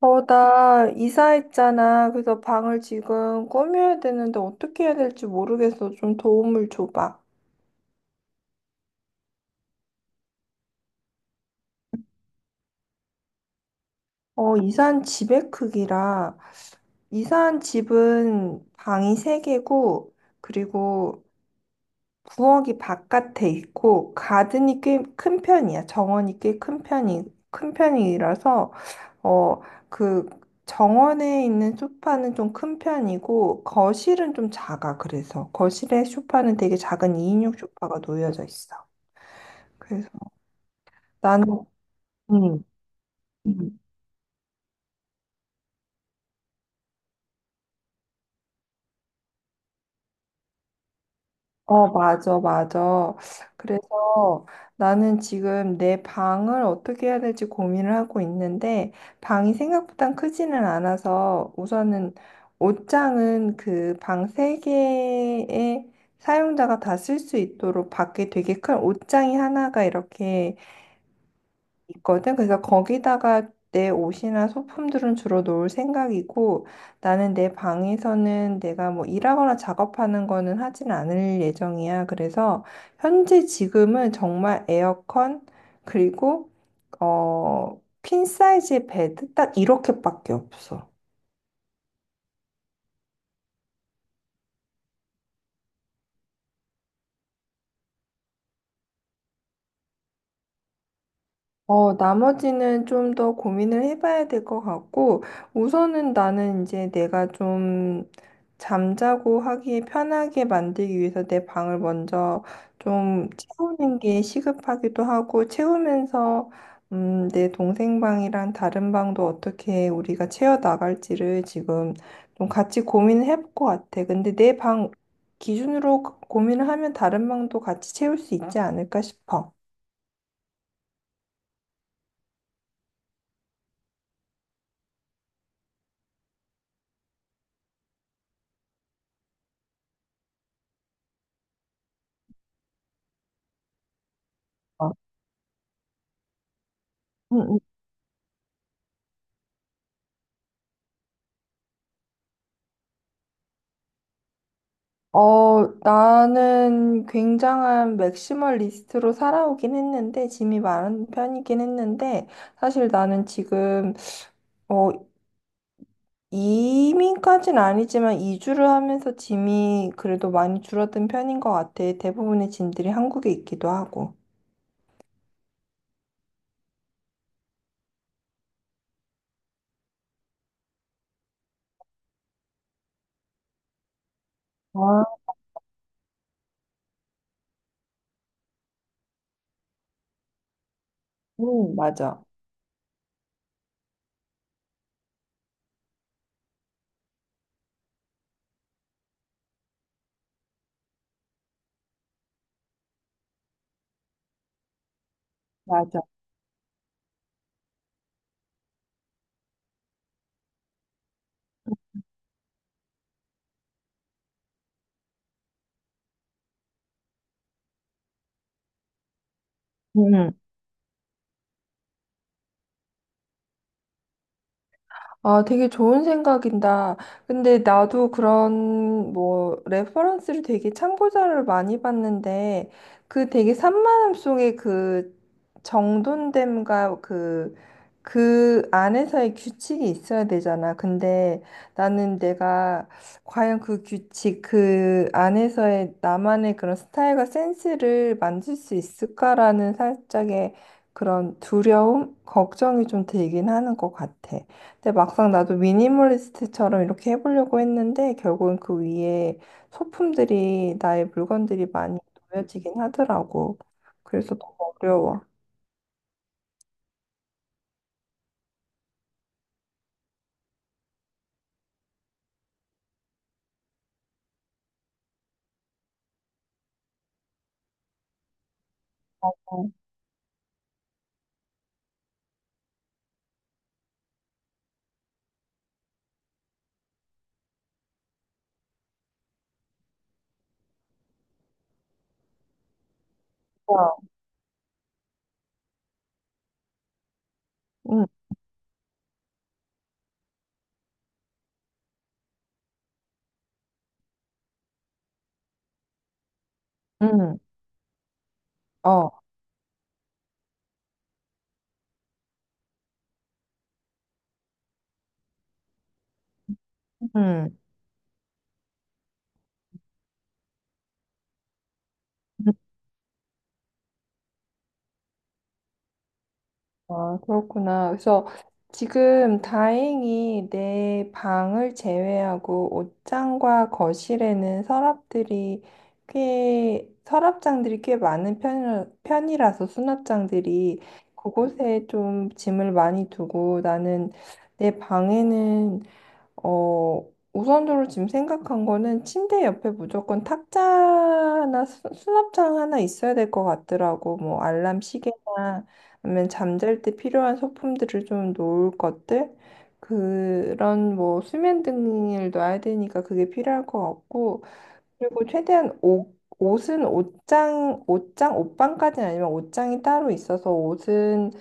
나 이사했잖아. 그래서 방을 지금 꾸며야 되는데 어떻게 해야 될지 모르겠어. 좀 도움을 줘봐. 이사한 집의 크기라. 이사한 집은 방이 세개고 그리고 부엌이 바깥에 있고 가든이 꽤 큰 편이야. 정원이 꽤 큰 편이라서 어, 그 정원에 있는 소파는 좀 큰 편이고 거실은 좀 작아. 그래서 거실에 소파는 되게 작은 2인용 소파가 놓여져 있어. 그래서 나는 음. 음. 어, 맞아, 맞아. 그래서 나는 지금 내 방을 어떻게 해야 될지 고민을 하고 있는데, 방이 생각보다 크지는 않아서 우선은 옷장은 그 방 세개의 사용자가 다 쓸 수 있도록 밖에 되게 큰 옷장이 하나가 이렇게 있거든. 그래서 거기다가 내 옷이나 소품들은 주로 놓을 생각이고 나는 내 방에서는 내가 뭐 일하거나 작업하는 거는 하진 않을 예정이야. 그래서 현재 지금은 정말 에어컨 그리고 퀸 사이즈의 베드 딱 이렇게밖에 없어. 나머지는 좀 더 고민을 해봐야 될 것 같고, 우선은 나는 이제 내가 좀 잠자고 하기 편하게 만들기 위해서 내 방을 먼저 좀 채우는 게 시급하기도 하고, 채우면서, 내 동생 방이랑 다른 방도 어떻게 우리가 채워 나갈지를 지금 좀 같이 고민을 해볼 것 같아. 근데 내 방 기준으로 고민을 하면 다른 방도 같이 채울 수 있지 않을까 싶어. 어. 응, 나는 굉장한 맥시멀리스트로 살아오긴 했는데, 짐이 많은 편이긴 했는데, 사실 나는 지금, 어, 이민까진 아니지만 이주를 하면서 짐이 그래도 많이 줄어든 편인 것 같아. 대부분의 짐들이 한국에 있기도 하고. 아, 맞아. 맞아. 음. 아, 되게 좋은 생각인다. 근데 나도 그런 뭐 레퍼런스를 되게 참고자료를 많이 봤는데 그 되게 산만함 속에 그 정돈됨과 그 그 안에서의 규칙이 있어야 되잖아. 근데 나는 내가 과연 그 규칙, 그 안에서의 나만의 그런 스타일과 센스를 만들 수 있을까라는 살짝의 그런 두려움, 걱정이 좀 들긴 하는 것 같아. 근데 막상 나도 미니멀리스트처럼 이렇게 해보려고 했는데 결국은 그 위에 소품들이 나의 물건들이 많이 놓여지긴 하더라고. 그래서 너무 어려워. 와. 응, 응, 어, 응. 아, 그렇구나. 그래서 지금 다행히 내 방을 제외하고 옷장과 거실에는 서랍들이 꽤, 서랍장들이 꽤 많은 편이라서 수납장들이 그곳에 좀 짐을 많이 두고 나는 내 방에는 어, 우선적으로 지금 생각한 거는 침대 옆에 무조건 탁자나 수납장 하나 있어야 될 것 같더라고. 뭐 알람 시계나 아니면 잠잘 때 필요한 소품들을 좀 놓을 것들 그런 뭐 수면 등을 놔야 되니까 그게 필요할 것 같고 그리고 최대한 옷 옷은 옷장 옷방까지는 아니면 옷장이 따로 있어서 옷은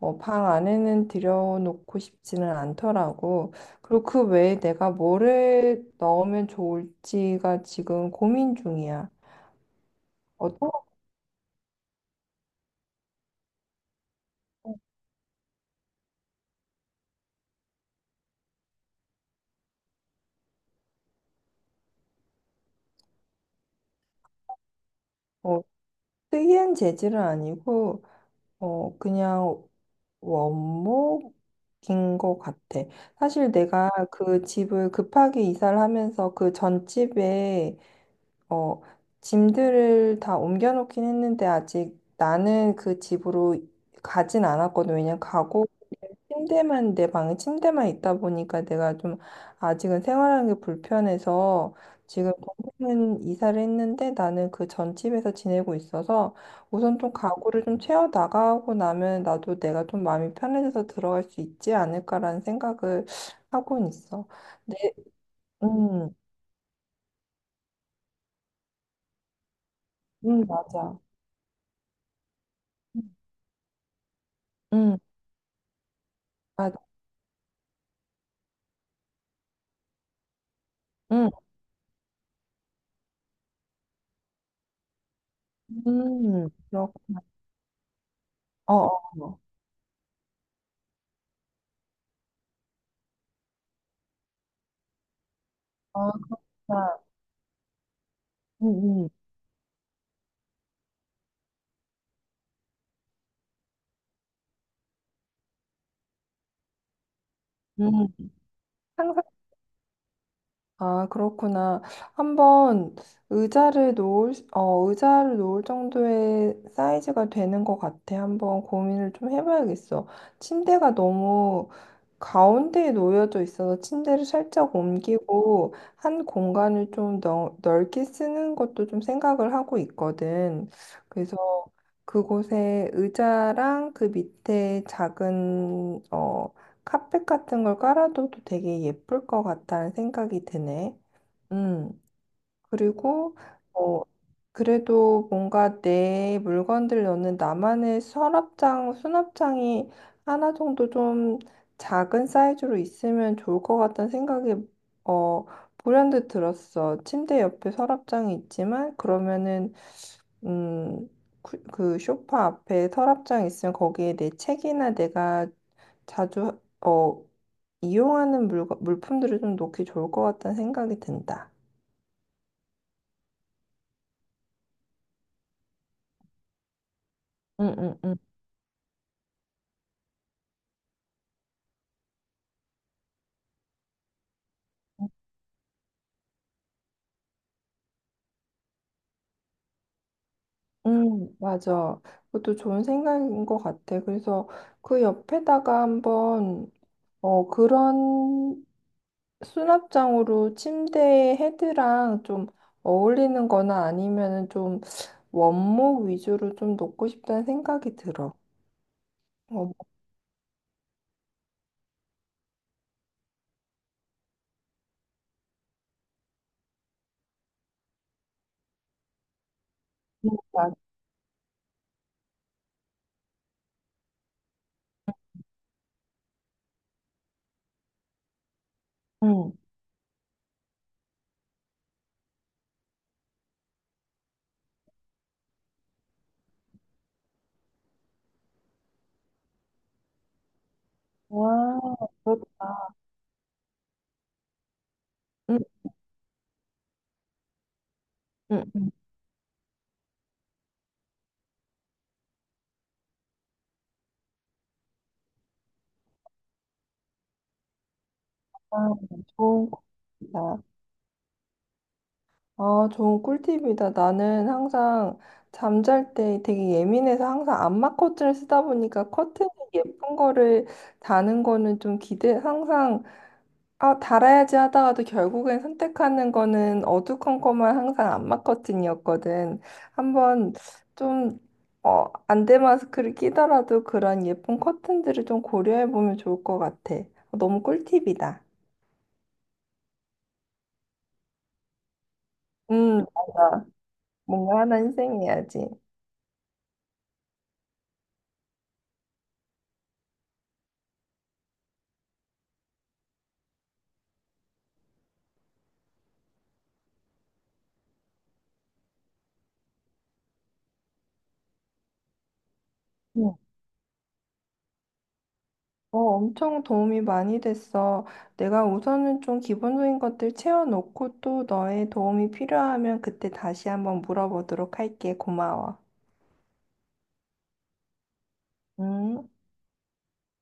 방 안에는 들여놓고 싶지는 않더라고. 그리고 그 외에 내가 뭐를 넣으면 좋을지가 지금 고민 중이야. 어떤, 어, 특이한 재질은 아니고, 그냥 원목인 것 같아. 사실 내가 그 집을 급하게 이사를 하면서 그 전집에, 어, 짐들을 다 옮겨놓긴 했는데 아직 나는 그 집으로 가진 않았거든. 왜냐면 가고 침대만 내 방에 침대만 있다 보니까 내가 좀 아직은 생활하는 게 불편해서 지금 동생은 이사를 했는데 나는 그 전 집에서 지내고 있어서 우선 좀 가구를 좀 채워 나가고 나면 나도 내가 좀 마음이 편해져서 들어갈 수 있지 않을까라는 생각을 하고는 있어. 네, 음, 맞아. 음, 맞아. 음, 그렇구나. 어, 어, 어. 아, 그냥, 음, 음, 음. 항상 아, 그렇구나. 한번 의자를 놓을 정도의 사이즈가 되는 것 같아. 한번 고민을 좀 해봐야겠어. 침대가 너무 가운데에 놓여져 있어서 침대를 살짝 옮기고 한 공간을 좀 넓게 쓰는 것도 좀 생각을 하고 있거든. 그래서 그곳에 의자랑 그 밑에 작은 카펫 같은 걸 깔아둬도 되게 예쁠 것 같다는 생각이 드네. 음, 그리고, 어, 그래도 뭔가 내 물건들 넣는 나만의 서랍장, 수납장이 하나 정도 좀 작은 사이즈로 있으면 좋을 것 같다는 생각이, 어, 불현듯 들었어. 침대 옆에 서랍장이 있지만, 그러면은, 음, 그 소파 앞에 서랍장 있으면 거기에 내 책이나 내가 자주 이용하는 물품들을 좀 놓기 좋을 것 같다는 생각이 든다. 응, 응, 응. 맞아. 그것도 좋은 생각인 것 같아. 그래서 그 옆에다가 그런 수납장으로 침대 헤드랑 좀 어울리는 거나 아니면은 좀 원목 위주로 좀 놓고 싶다는 생각이 들어. 어, 맞아. 응. 와, 그렇다. 응, 응, 응. 아, 좋은 거. 아, 좋은 꿀팁이다. 나는 항상 잠잘 때 되게 예민해서 항상 안마 커튼을 쓰다 보니까 커튼이 예쁜 거를 다는 거는 좀 기대, 항상, 아, 달아야지 하다가도 결국엔 선택하는 거는 어두컴컴한 항상 안마 커튼이었거든. 한번 좀, 안대 마스크를 끼더라도 그런 예쁜 커튼들을 좀 고려해 보면 좋을 것 같아. 너무 꿀팁이다. 맞아. 뭔가 하나 희생해야지. 어, 엄청 도움이 많이 됐어. 내가 우선은 좀 기본적인 것들 채워놓고 또 너의 도움이 필요하면 그때 다시 한번 물어보도록 할게. 고마워. 음.